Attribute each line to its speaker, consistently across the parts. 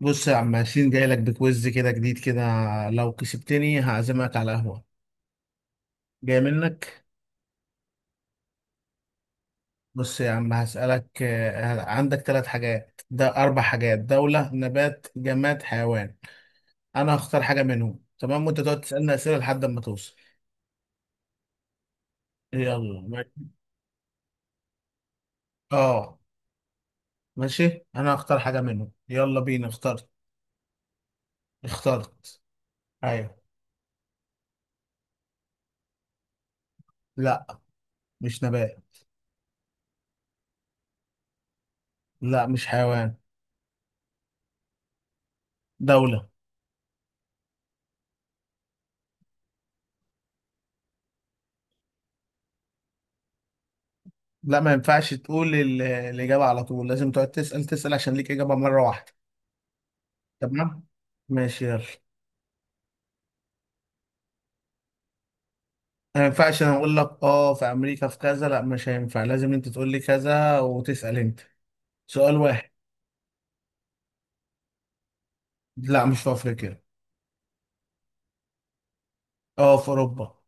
Speaker 1: بص يا عم ياسين، جاي لك بكويز كده جديد كده. لو كسبتني هعزمك على قهوة. جاي منك. بص يا عم هسألك عندك ثلاث حاجات، ده أربع حاجات: دولة، نبات، جماد، حيوان. أنا هختار حاجة منهم، تمام، وأنت تقعد تسألني أسئلة لحد ما توصل. يلا ماشي. أه. ماشي أنا هختار حاجة منهم، يلا بينا اخترت. اخترت. أيوه. لا، مش نبات. لا، مش حيوان. دولة. لا، ما ينفعش تقول الإجابة على طول، لازم تقعد تسأل تسأل، عشان ليك إجابة مرة واحدة. تمام. ماشي يلا. ما ينفعش أنا أقول لك في أمريكا في كذا، لا مش هينفع، لازم أنت تقول لي كذا وتسأل أنت. سؤال واحد. لا، مش في أفريقيا. آه، في أوروبا.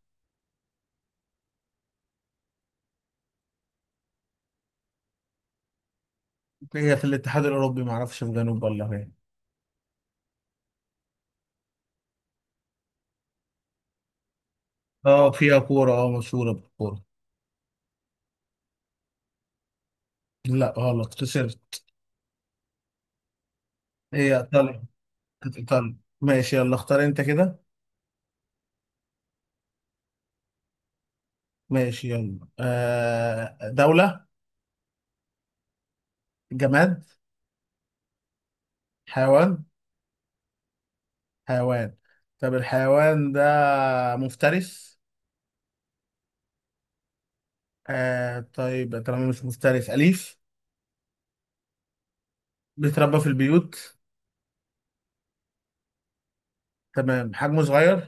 Speaker 1: هي في الاتحاد الأوروبي، معرفش في جنوب ولا فين. آه فيها كورة، آه مشهورة بالكورة. لا غلط، خسرت. هي إيطاليا. كانت إيطاليا. ماشي يلا، اختار أنت كده. ماشي يلا. آه، دولة. جماد. حيوان. حيوان. طب الحيوان ده مفترس؟ آه طيب، طالما مش مفترس، أليف. بيتربى في البيوت. تمام، حجمه صغير.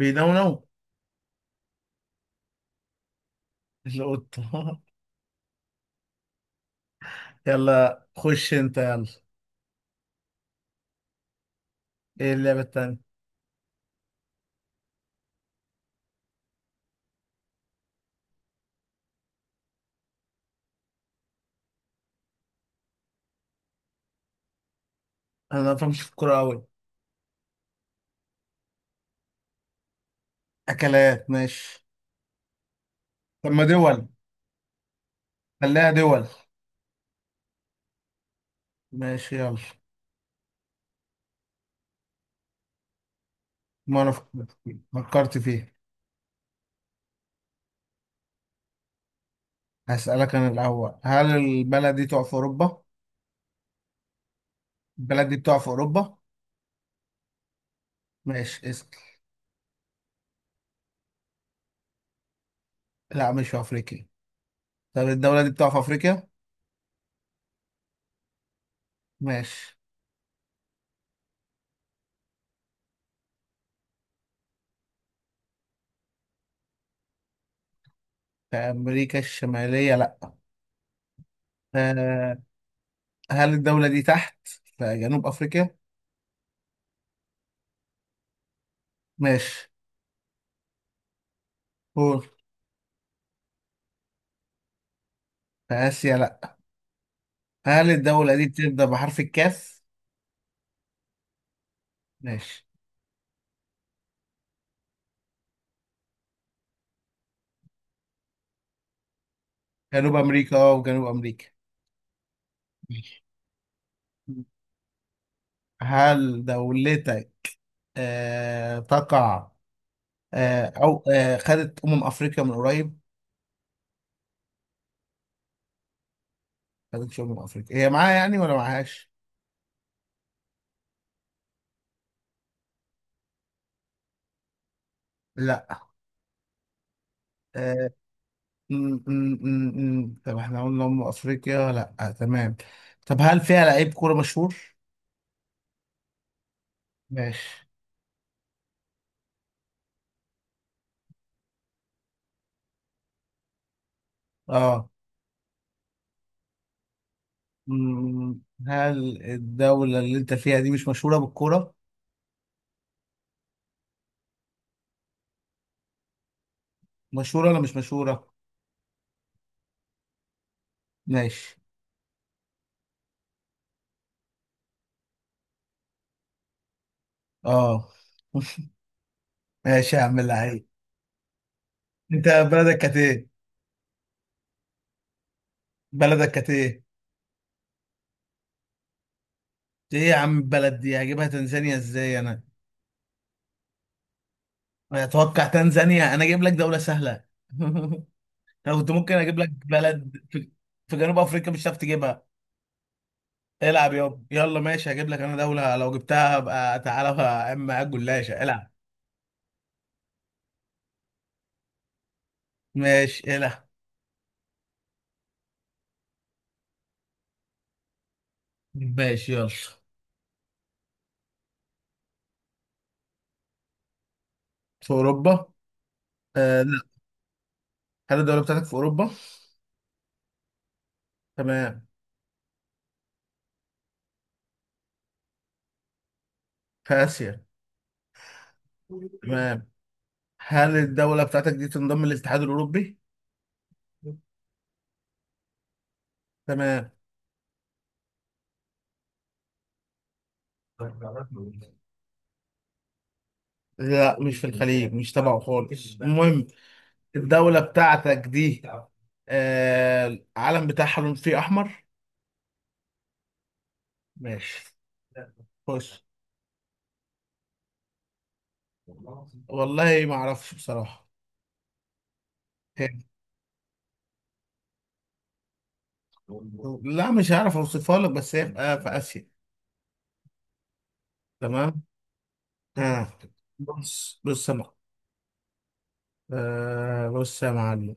Speaker 1: بينونو. القطة. يلا خش انت يلا. ايه اللعبة التانية؟ انا ما بفهمش في الكورة أوي. أكلات ماشي. طب ما دول. خليها دول. ماشي يلا. ما أنا فكرت فيه. هسألك أنا الأول: هل البلد دي تقع في أوروبا؟ البلد دي بتقع في أوروبا؟ ماشي اسأل. لا، مش في أفريقيا. طب الدولة دي بتقع في أفريقيا؟ ماشي. في أمريكا الشمالية، لأ. آه، هل الدولة دي تحت، في جنوب أفريقيا؟ ماشي، قول. في آسيا، لأ. هل الدولة دي بتبدأ بحرف الكاف؟ ماشي. جنوب أمريكا أه، وجنوب أمريكا. ماشي. هل دولتك تقع أو خدت أمم أفريقيا من قريب؟ خدتش أمم أفريقيا هي، معاها يعني ولا معاهاش؟ لأ. آه، طب احنا قلنا أم أفريقيا، لأ تمام. طب هل فيها لعيب كورة مشهور؟ ماشي. اه. مم، هل الدولة اللي انت فيها دي مش مشهورة بالكورة؟ مشهورة ولا مش مشهورة؟ ماشي. اه. ماشي يا عم اللعيب. انت بلدك كانت ايه؟ بلدك كانت ايه؟ ايه يا عم، البلد دي هجيبها تنزانيا ازاي انا؟ اتوقع تنزانيا! انا اجيب لك دولة سهلة. انا كنت ممكن اجيب لك بلد في، في جنوب افريقيا مش هتعرف تجيبها. العب يابا، يلا ماشي هجيب لك انا دولة، لو جبتها ابقى تعالى بقى، اما على الجلاشة العب. ماشي العب. ماشي يلا. في اوروبا؟ آه لا. هل الدولة بتاعتك في اوروبا؟ تمام. في اسيا؟ تمام. هل الدولة بتاعتك دي تنضم للاتحاد الاوروبي؟ تمام. لا، مش في الخليج، مش تبعه خالص، المهم. الدولة بتاعتك دي آه العلم بتاعها لون فيه احمر؟ ماشي، خش. والله ما اعرفش بصراحة. لا مش هعرف اوصفها لك، بس هي في في اسيا. تمام. آه. بص يا معلم. آه بص يا معلم.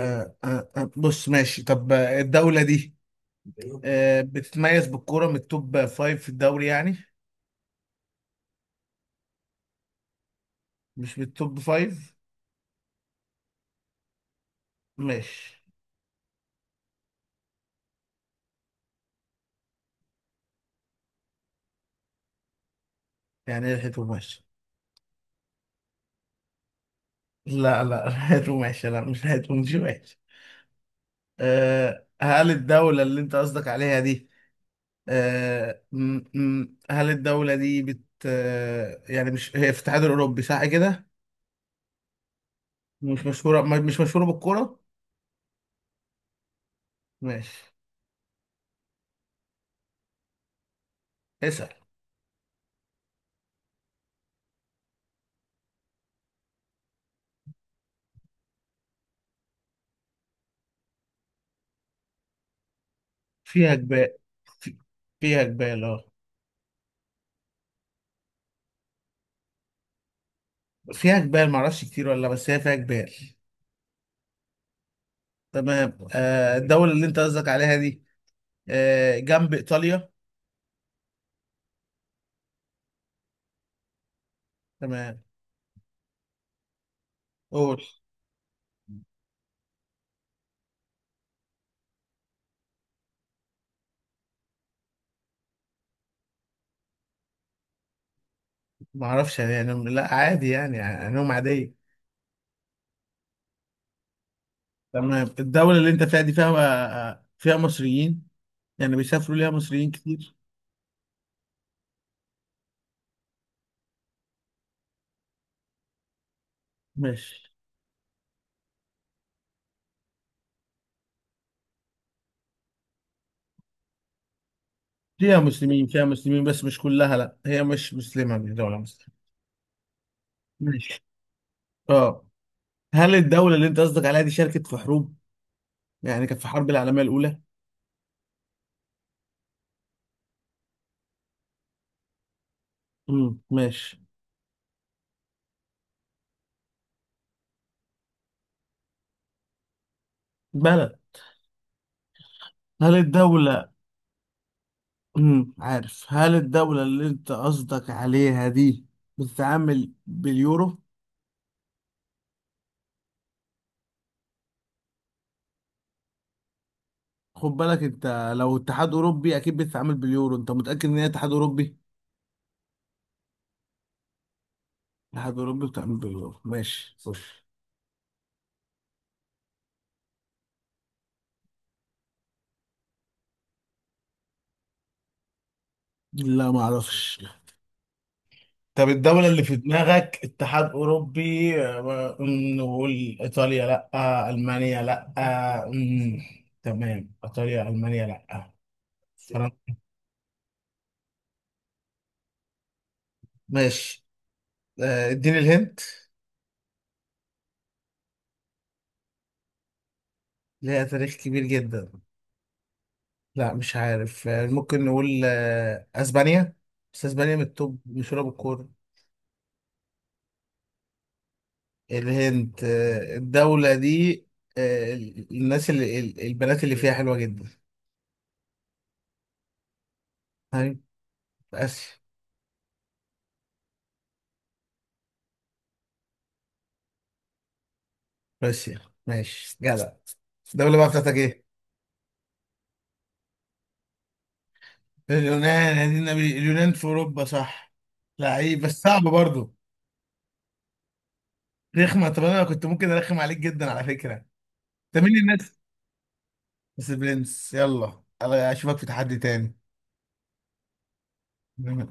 Speaker 1: آه بص ماشي. طب الدولة دي بتتميز بالكورة، من التوب فايف في الدوري يعني. مش من التوب فايف؟ ماشي. يعني لحقته ماشي. لا لا، لحقته ماشي، لا مش لحقته مش ماشي. آه، هل الدولة اللي انت قصدك عليها دي، هل الدولة دي بت آه، يعني، مش هي في الاتحاد الأوروبي صح كده؟ مش مشهورة مش مشهورة بالكورة؟ ماشي اسأل. فيها جبال. في- فيها جبال اه. فيها جبال، معرفش كتير ولا بس هي فيها جبال. تمام. الدولة اللي أنت قصدك عليها دي جنب إيطاليا؟ تمام. قول. معرفش يعني، يعني لا عادي يعني، علوم عادية. تمام. الدولة اللي أنت فيها دي فيها فيها مصريين؟ يعني بيسافروا ليها مصريين كتير؟ ماشي. فيها مسلمين، فيها مسلمين بس مش كلها، لا هي مش مسلمة، مش دولة مسلمة. ماشي. اه. هل الدولة اللي انت قصدك عليها دي شاركت في حروب؟ يعني كانت في الحرب العالمية الأولى؟ ماشي. بلد. هل الدولة. عارف. هل الدولة اللي انت قصدك عليها دي بتتعامل باليورو؟ خد بالك انت، لو اتحاد أوروبي أكيد بتتعامل باليورو، انت متأكد ان هي اتحاد أوروبي؟ اتحاد أوروبي بتتعامل باليورو، ماشي خش. لا ما اعرفش. طب الدولة اللي في دماغك اتحاد أوروبي، آه، م، نقول إيطاليا لأ، ألمانيا لأ، آه، م، تمام إيطاليا ألمانيا لأ، فرنسا. ماشي. اديني الهنت. ليها تاريخ كبير جدا؟ لا مش عارف. ممكن نقول أسبانيا. بس أسبانيا من التوب مشهورة بالكورة. الهند. الدولة دي آه، الناس اللي البنات اللي فيها حلوة جدا؟ طيب، في آسيا. روسيا؟ ماشي جدع. الدولة بقى بتاعتك ايه؟ اليونان؟ يا دين النبي، اليونان في اوروبا صح. لعيب بس صعب برضه. رخمة، طب انا كنت ممكن ارخم عليك جدا على فكرة. انت مين الناس؟ بس برنس، يلا أنا اشوفك في تحدي تاني.